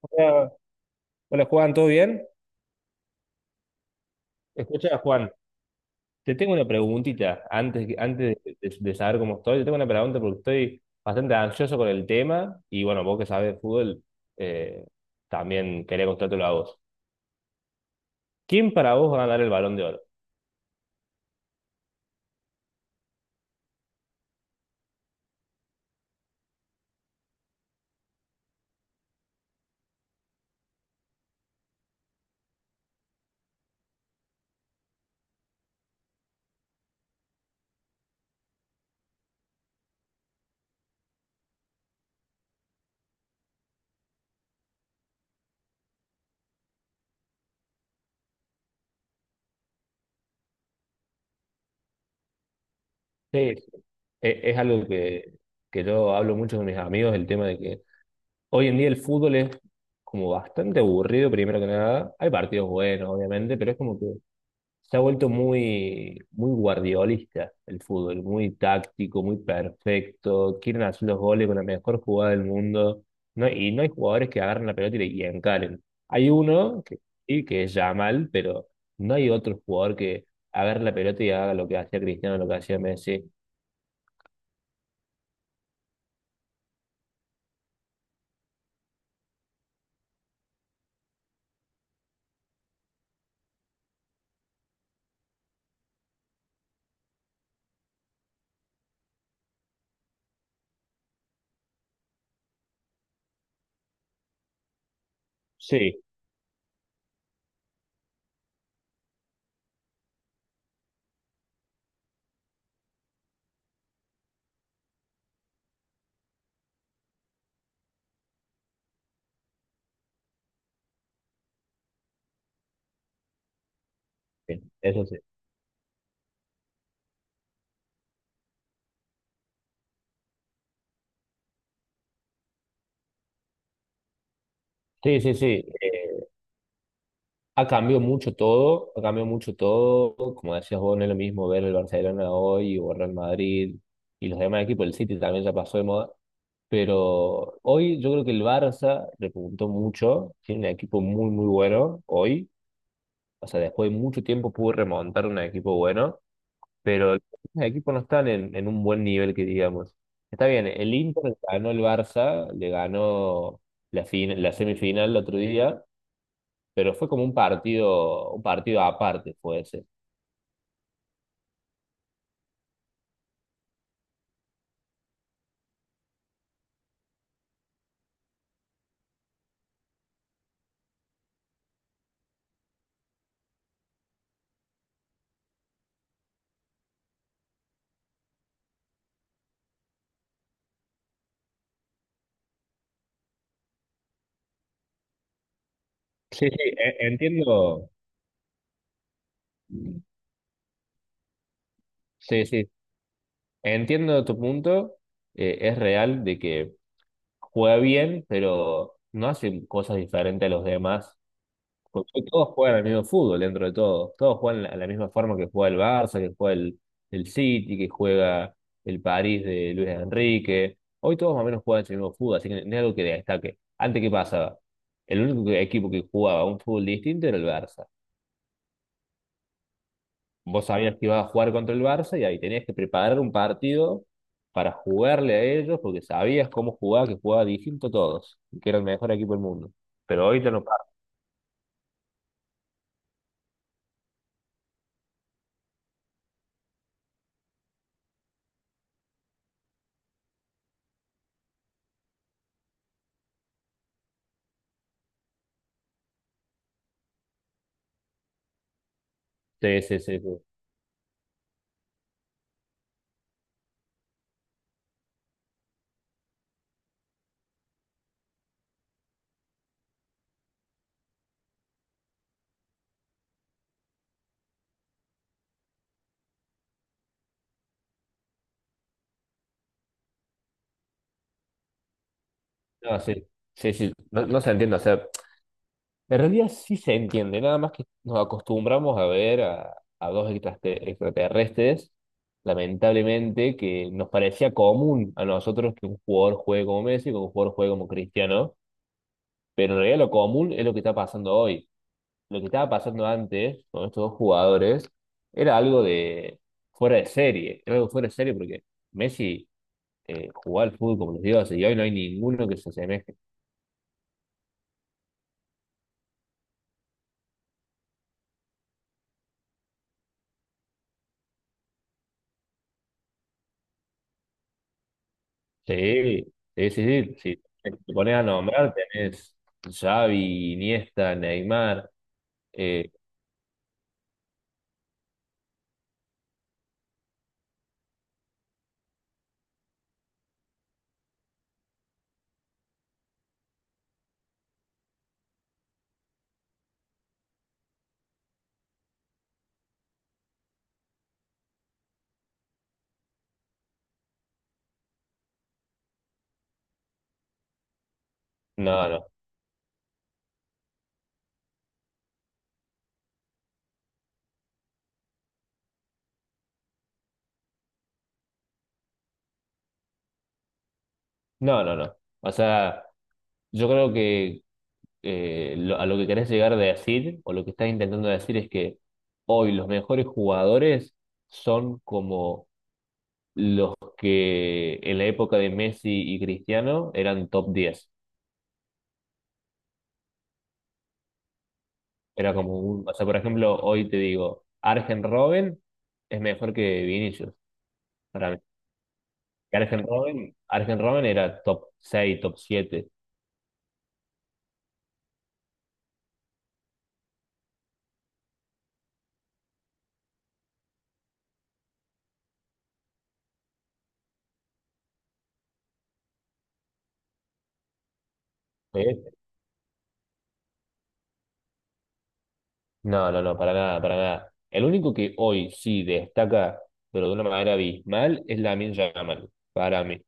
Hola, hola, Juan, ¿todo bien? Escucha, Juan, te tengo una preguntita antes, antes de, de saber cómo estoy. Te tengo una pregunta porque estoy bastante ansioso con el tema y bueno, vos que sabes de fútbol, eh, también quería contártelo a vos. ¿Quién para vos va a ganar el Balón de Oro? Sí, sí. Es algo que yo hablo mucho con mis amigos, el tema de que hoy en día el fútbol es como bastante aburrido, primero que nada. Hay partidos buenos, obviamente, pero es como que se ha vuelto muy, muy guardiolista el fútbol, muy táctico, muy perfecto. Quieren hacer los goles con la mejor jugada del mundo. No, y no hay jugadores que agarren la pelota y, y encaren. Hay uno que, sí, que es Yamal, pero no hay otro jugador que agarre la pelota y haga lo que hacía Cristiano, lo que hacía Messi. Sí, sí, eso sí. Sí, sí, sí. eh, Ha cambiado mucho todo, ha cambiado mucho todo. Como decías vos, no es lo mismo ver el Barcelona hoy o el Real Madrid y los demás equipos. El City también ya pasó de moda. Pero hoy yo creo que el Barça repuntó mucho. Tiene un equipo muy, muy bueno hoy. O sea, después de mucho tiempo pudo remontar un equipo bueno. Pero los equipos no están en un buen nivel, que digamos. Está bien, el Inter ganó el Barça, le ganó la semifinal el otro día, pero fue como un partido aparte, fue ese. Sí, sí, entiendo. Sí, sí, entiendo tu punto. Es real de que juega bien, pero no hace cosas diferentes a los demás. Porque todos juegan el mismo fútbol dentro de todo. Todos juegan a la misma forma que juega el Barça, que juega el City, que juega el París de Luis Enrique. Hoy todos más o menos juegan el mismo fútbol, así que no es algo que destaque. Antes, ¿qué pasaba? El único equipo que jugaba un fútbol distinto era el Barça. Vos sabías que ibas a jugar contra el Barça y ahí tenías que preparar un partido para jugarle a ellos porque sabías cómo jugaba, que jugaba distinto a todos, y que era el mejor equipo del mundo. Pero ahorita no pasa. Sí, sí, sí, sí. No, sí, sí, sí. No, no se entiende. O sea, en realidad sí se entiende, nada más que nos acostumbramos a ver a dos extraterrestres, lamentablemente, que nos parecía común a nosotros que un jugador juegue como Messi, que un jugador juegue como Cristiano, pero en realidad lo común es lo que está pasando hoy. Lo que estaba pasando antes con estos dos jugadores era algo de fuera de serie, era algo fuera de serie porque Messi jugaba al fútbol como los dioses y hoy no hay ninguno que se asemeje. Sí, sí, sí, sí. Sí. Te pones a nombrar, tenés Xavi, Iniesta, Neymar. eh, no, no, no, no, no. O sea, yo creo que a lo que querés llegar a decir, o lo que estás intentando decir es que hoy los mejores jugadores son como los que en la época de Messi y Cristiano eran top 10. Era como un, o sea, por ejemplo, hoy te digo, Arjen Robben es mejor que Vinicius, para mí. Y Arjen Robben, Arjen Robben era top seis, top siete. ¿Eh? No, no, no, para nada, para nada. El único que hoy sí destaca, pero de una manera abismal, es Lamine Yamal, para mí.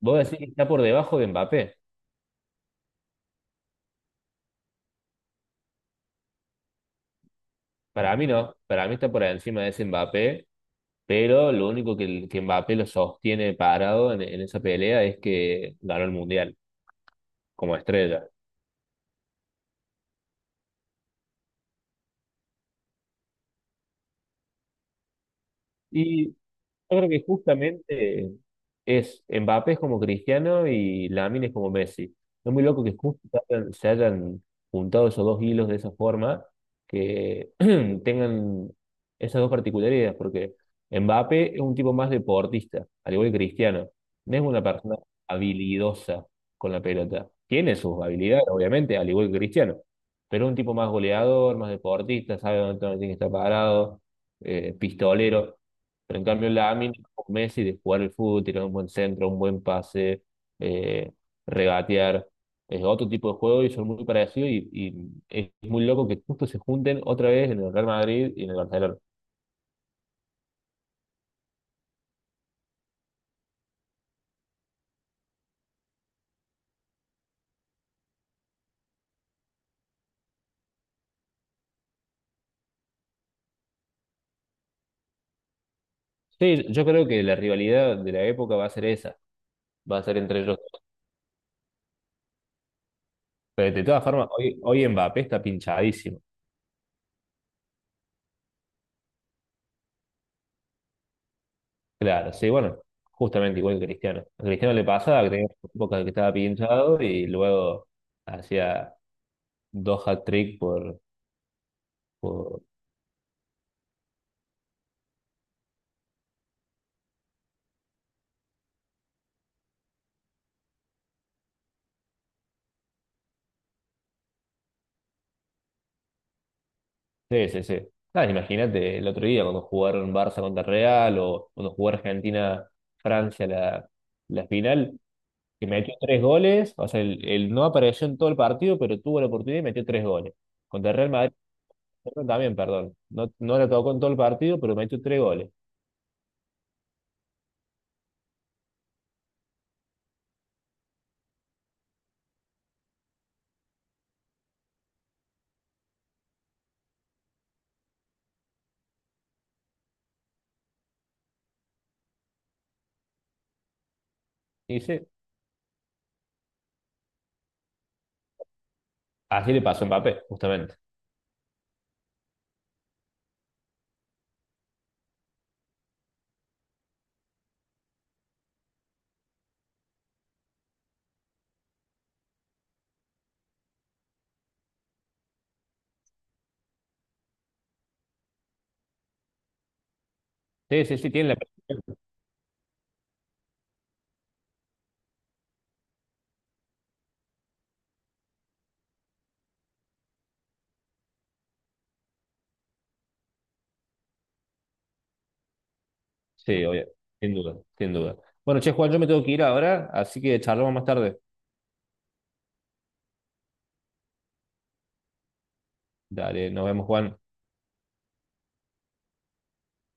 ¿Vos decís que está por debajo de Mbappé? Para mí no, para mí está por encima de ese Mbappé. Pero lo único que Mbappé lo sostiene parado en esa pelea es que ganó el Mundial como estrella. Y yo creo que justamente es Mbappé es como Cristiano y Lamine es como Messi. Es muy loco que justo se hayan juntado esos dos hilos de esa forma, que tengan esas dos particularidades, porque Mbappé es un tipo más deportista, al igual que Cristiano. No es una persona habilidosa con la pelota. Tiene sus habilidades, obviamente, al igual que Cristiano, pero es un tipo más goleador, más deportista, sabe dónde tiene que estar parado, pistolero. Pero en cambio, Lamine es como Messi de jugar el fútbol, tirar un buen centro, un buen pase, eh, regatear. Es otro tipo de juego y son muy parecidos. Y es muy loco que justo se junten otra vez en el Real Madrid y en el Barcelona. Sí, yo creo que la rivalidad de la época va a ser esa, va a ser entre ellos. Pero de todas formas, hoy Mbappé está pinchadísimo. Claro, sí, bueno, justamente igual que Cristiano. A Cristiano le pasaba que tenía épocas que estaba pinchado y luego hacía dos hat-trick por. Sí, sí, sí. Nada, imagínate el otro día cuando jugaron Barça contra Real o cuando jugó Argentina-Francia la final, que metió tres goles, o sea, el no apareció en todo el partido, pero tuvo la oportunidad y metió tres goles. Contra Real Madrid perdón, también, perdón. No, no la tocó en todo el partido, pero metió tres goles. Y sí, así le pasó a Mbappé, justamente. Sí, sí, sí, tiene la perfección. Sí, obvio, sin duda, sin duda. Bueno, che, Juan, yo me tengo que ir ahora, así que charlamos más tarde. Dale, nos vemos, Juan.